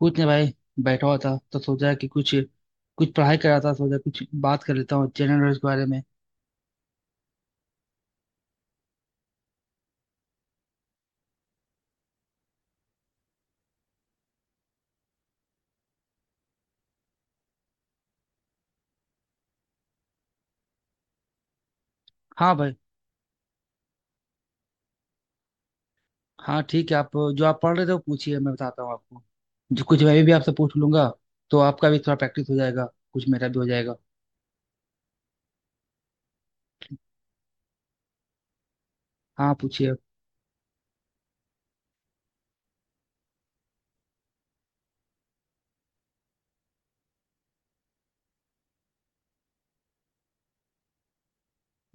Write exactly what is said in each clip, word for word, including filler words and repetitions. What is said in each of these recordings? कुछ नहीं भाई। बैठा हुआ था तो सोचा कि कुछ कुछ पढ़ाई कर रहा था, सोचा कुछ बात कर लेता हूँ जनरल नॉलेज के बारे में। हाँ भाई, हाँ ठीक है। आप जो आप पढ़ रहे थे वो पूछिए, मैं बताता हूँ आपको। जो कुछ मैं भी आपसे पूछ लूंगा, तो आपका भी थोड़ा प्रैक्टिस हो जाएगा, कुछ मेरा भी हो जाएगा। हाँ पूछिए।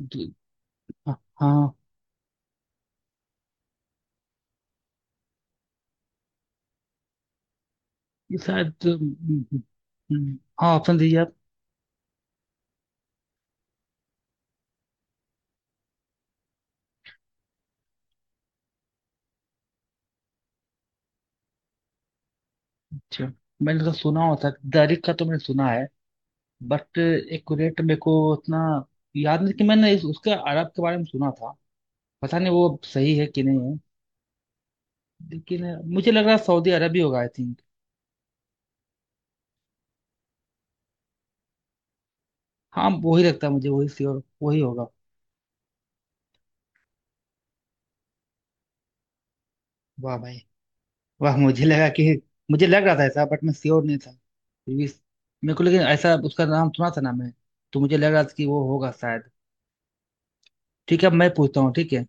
जी, हाँ हाँ, ये शायद हम्म, हम्म, हाँ ऑप्शन दीजिए आप। अच्छा, मैंने तो सुना होता, दारिक का तो मैंने सुना है, बट एक्यूरेट मेरे को उतना याद नहीं कि मैंने इस, उसके अरब के बारे में सुना था। पता नहीं वो सही है कि नहीं है, लेकिन मुझे लग रहा है सऊदी अरब ही होगा, आई थिंक। हाँ वही लगता है मुझे, वही श्योर, वही होगा। वाह भाई, वाह, मुझे लगा कि, मुझे लग रहा था ऐसा बट मैं श्योर नहीं था, फिर भी मेरे को लेकिन ऐसा उसका नाम सुना था ना, मैं तो मुझे लग रहा था कि वो होगा शायद। ठीक है, अब मैं पूछता हूँ, ठीक है।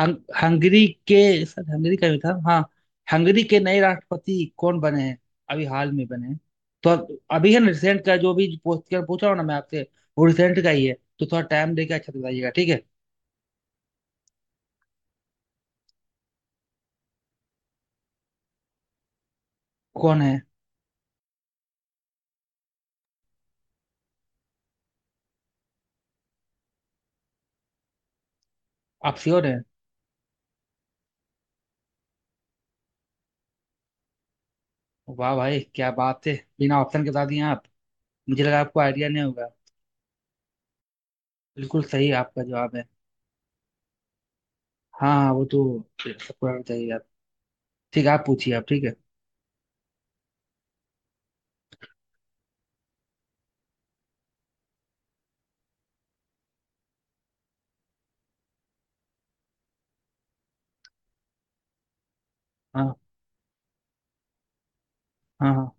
हंग, हंगरी के सर, हंगरी का भी था हाँ। हंगरी के नए राष्ट्रपति कौन बने हैं? अभी हाल में बने हैं, तो अब अभी है ना, रिसेंट का जो भी पूछ कर पूछ रहा हूँ ना मैं आपसे, वो रिसेंट का ही है। तो थोड़ा टाइम देके अच्छा से बताइएगा, ठीक है। कौन है? आप श्योर हैं? वाह भाई, क्या बात है, बिना ऑप्शन के बता दिए आप। मुझे लगा आपको आइडिया नहीं होगा। बिल्कुल सही आपका जवाब है। हाँ हाँ, वो तो सबको आना चाहिए। आप ठीक है, आप पूछिए आप, ठीक है। हाँ। हाँ। हाँ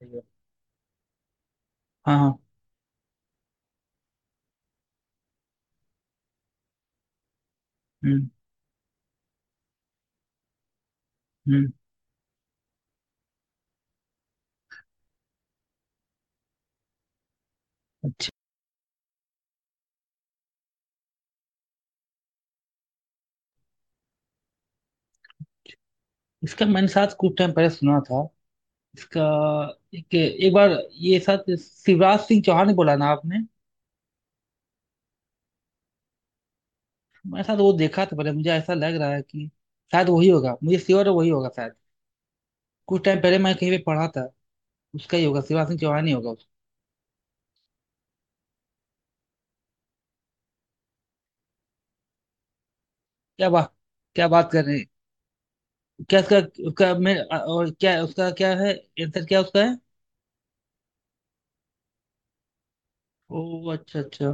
ठीक है। हाँ हाँ। हम्म हम्म अच्छा, इसका मैंने साथ कुछ टाइम पहले सुना था इसका, एक एक बार। ये शायद शिवराज सिंह चौहान ही बोला ना आपने? मैंने शायद वो देखा था पहले, मुझे ऐसा लग रहा है कि शायद वही होगा, मुझे श्योर है वही होगा शायद। कुछ टाइम पहले मैं कहीं पे पढ़ा था, उसका ही होगा, शिवराज सिंह चौहान ही होगा उसका। क्या बात, क्या बात कर रहे हैं? क्या उसका, उसका मैं और क्या, उसका क्या है आंसर, क्या उसका है? ओ अच्छा अच्छा,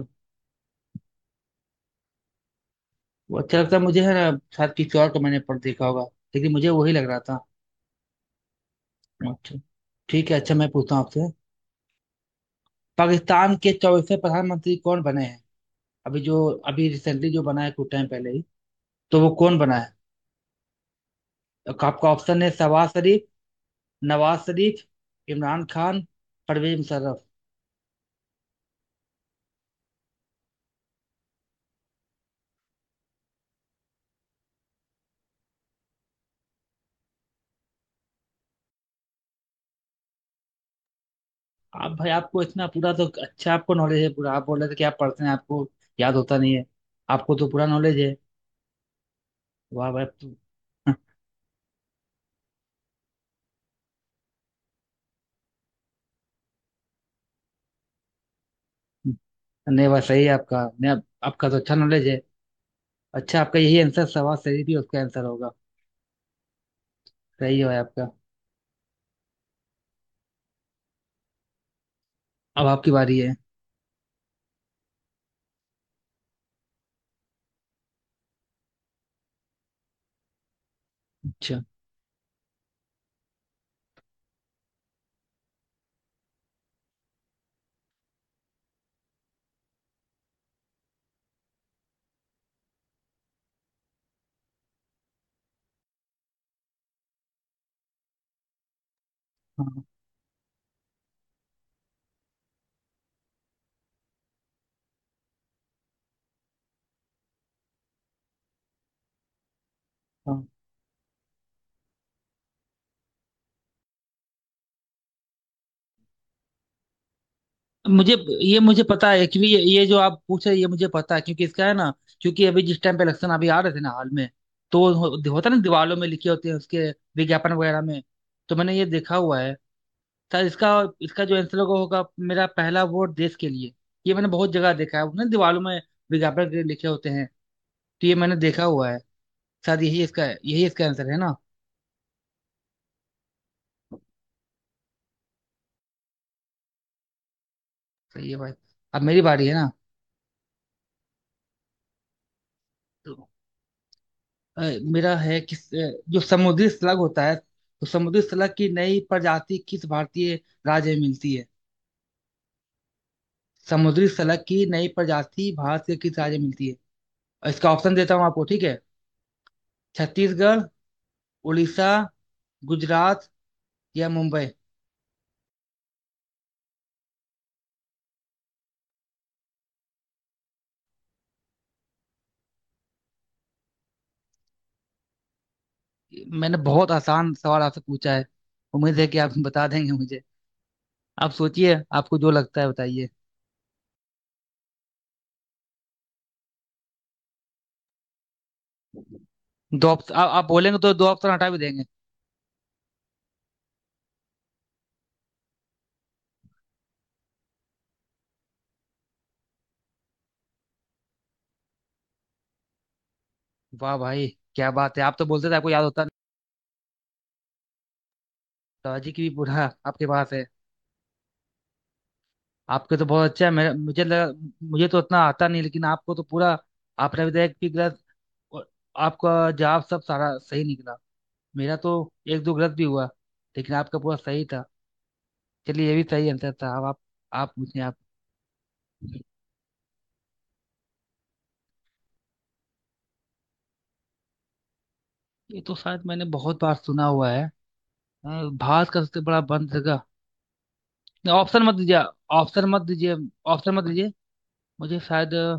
वो अच्छा लगता है मुझे, है ना। शायद किसी और को मैंने पढ़ देखा होगा लेकिन मुझे वही लग रहा था। अच्छा, ठीक है, अच्छा मैं पूछता हूँ आपसे। पाकिस्तान के चौथे प्रधानमंत्री कौन बने हैं? अभी जो अभी रिसेंटली जो बना है, कुछ टाइम पहले ही, तो वो कौन बना है? आपका ऑप्शन है शहबाज शरीफ, नवाज शरीफ, इमरान खान, परवेज मुशर्रफ। आप भाई, आपको इतना पूरा तो, अच्छा आपको नॉलेज है पूरा। आप बोल रहे थे कि आप पढ़ते हैं, आपको याद होता नहीं है, आपको तो पूरा नॉलेज है। वाह भाई, आप तो नहीं, वाह सही है आपका, नहीं आप, आपका तो अच्छा नॉलेज है। अच्छा, आपका यही आंसर शहबाज शरीफ ही उसका आंसर होगा। सही है भाई आपका। अब आपकी बारी है। अच्छा। हाँ। हाँ, मुझे ये, मुझे पता है, क्योंकि ये, ये जो आप पूछ रहे हैं ये मुझे पता है, क्योंकि इसका है ना, क्योंकि अभी जिस टाइम पे इलेक्शन अभी आ रहे थे ना हाल में, तो हो- होता है ना, दीवारों में लिखे होते हैं उसके विज्ञापन वगैरह में, तो मैंने ये देखा हुआ है। शायद इसका, इसका जो आंसर होगा होगा, मेरा पहला वोट देश के लिए, ये मैंने बहुत जगह देखा है ना, दीवारों में विज्ञापन के लिखे होते हैं, तो ये मैंने देखा हुआ है। शायद यही इसका, यही इसका आंसर है ना। सही है भाई। अब मेरी बारी है ना। तो अ, मेरा है कि अ, जो समुद्री स्लग होता है, तो समुद्री स्लग की नई प्रजाति किस भारतीय राज्य में मिलती है? समुद्री स्लग की नई प्रजाति भारत के किस राज्य में मिलती है? और इसका ऑप्शन देता हूँ आपको, ठीक है। छत्तीसगढ़, उड़ीसा, गुजरात या मुंबई। मैंने बहुत आसान सवाल आपसे पूछा है, उम्मीद है कि आप बता देंगे मुझे। आप सोचिए आपको जो लगता है बताइए। दो ऑप्शन आप, आप बोलेंगे तो दो ऑप्शन हटा भी देंगे। वाह भाई, क्या बात है, आप तो बोलते थे आपको याद होता। लॉजिक भी पूरा आपके पास है। आपके तो बहुत अच्छा है, मेरा मुझे लगा, मुझे तो उतना आता नहीं, लेकिन आपको तो पूरा। आपने भी तो एक भी गलत, और आपका जवाब सब सारा सही निकला। मेरा तो एक दो गलत भी हुआ, लेकिन आपका पूरा सही था। चलिए ये भी सही आंसर था। अब आप आप पूछिए आप। ये तो शायद मैंने बहुत बार सुना हुआ है। अ, भारत का सबसे बड़ा बंद जगह। नहीं, ऑप्शन मत दीजिए, ऑप्शन मत दीजिए, ऑप्शन मत दीजिए। मुझे शायद अ,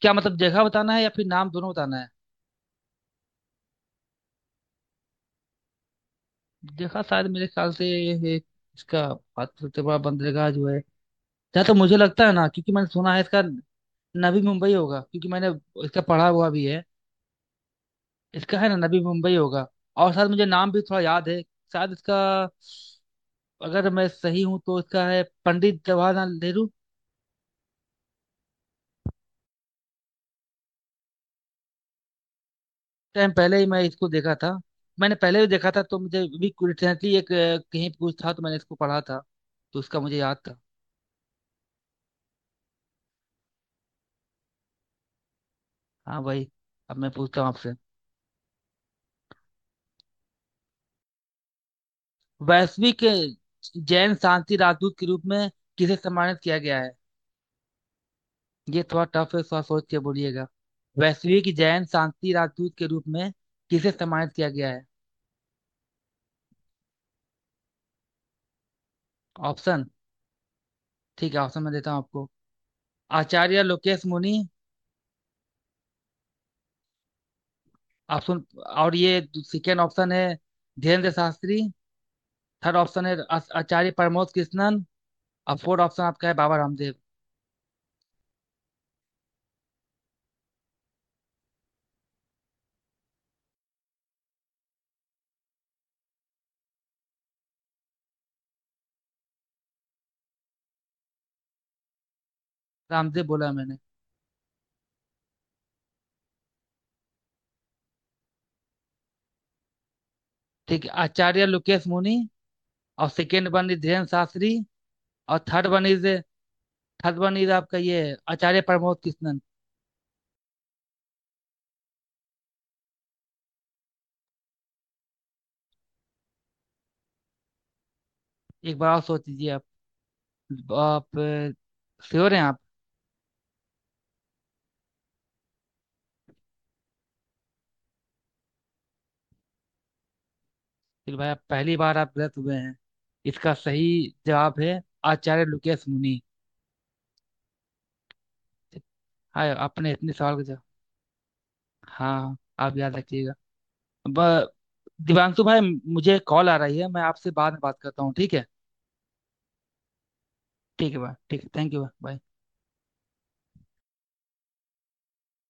क्या मतलब, जगह बताना है या फिर नाम, दोनों बताना है? जगह शायद मेरे ख्याल से ये, इसका भारत का सबसे बड़ा बंद जगह जो है जहाँ, तो मुझे लगता है ना, क्योंकि मैंने सुना है इसका, नवी मुंबई होगा। क्योंकि मैंने इसका पढ़ा हुआ भी है इसका, है ना, नवी मुंबई होगा। और शायद मुझे नाम भी थोड़ा याद है, शायद इसका, अगर मैं सही हूँ तो इसका है पंडित जवाहरलाल नेहरू। टाइम पहले ही मैं इसको देखा था, मैंने पहले भी देखा था, तो मुझे भी रिसेंटली एक अ, कहीं कुछ था, तो मैंने इसको पढ़ा था, तो उसका मुझे याद था। हाँ भाई, अब मैं पूछता हूँ आपसे। वैश्विक अ, जैन शांति राजदूत के रूप में किसे सम्मानित किया गया है? ये थोड़ा टफ है, थोड़ा सोच के बोलिएगा। वैश्विक जैन शांति राजदूत के रूप में किसे सम्मानित किया गया है? ऑप्शन, ठीक है ऑप्शन मैं देता हूँ आपको। आचार्य लोकेश मुनि। ऑप्शन, और ये सेकेंड ऑप्शन है धीरेन्द्र शास्त्री। थर्ड ऑप्शन है आ- आचार्य प्रमोद कृष्णन। और फोर्थ ऑप्शन आपका है बाबा रामदेव। रामदेव बोला मैंने। ठीक है, आचार्य लोकेश मुनि, और second one is Dhirendra Shastri, और third one is, third one is आपका ये, आचार्य प्रमोद कृष्णन। एक बार और सोच लीजिए आप। आप श्योर हैं आप? फिर भाई आप पहली बार आप गलत हुए हैं। इसका सही जवाब है आचार्य लुकेश मुनि। हाँ, आपने इतने सवाल का जवाब। हाँ आप याद रखिएगा। ब- दिवांशु भाई, मुझे कॉल आ रही है, मैं आपसे बाद में बात करता हूँ, ठीक है। ठीक है भाई, ठीक है, थैंक यू भाई।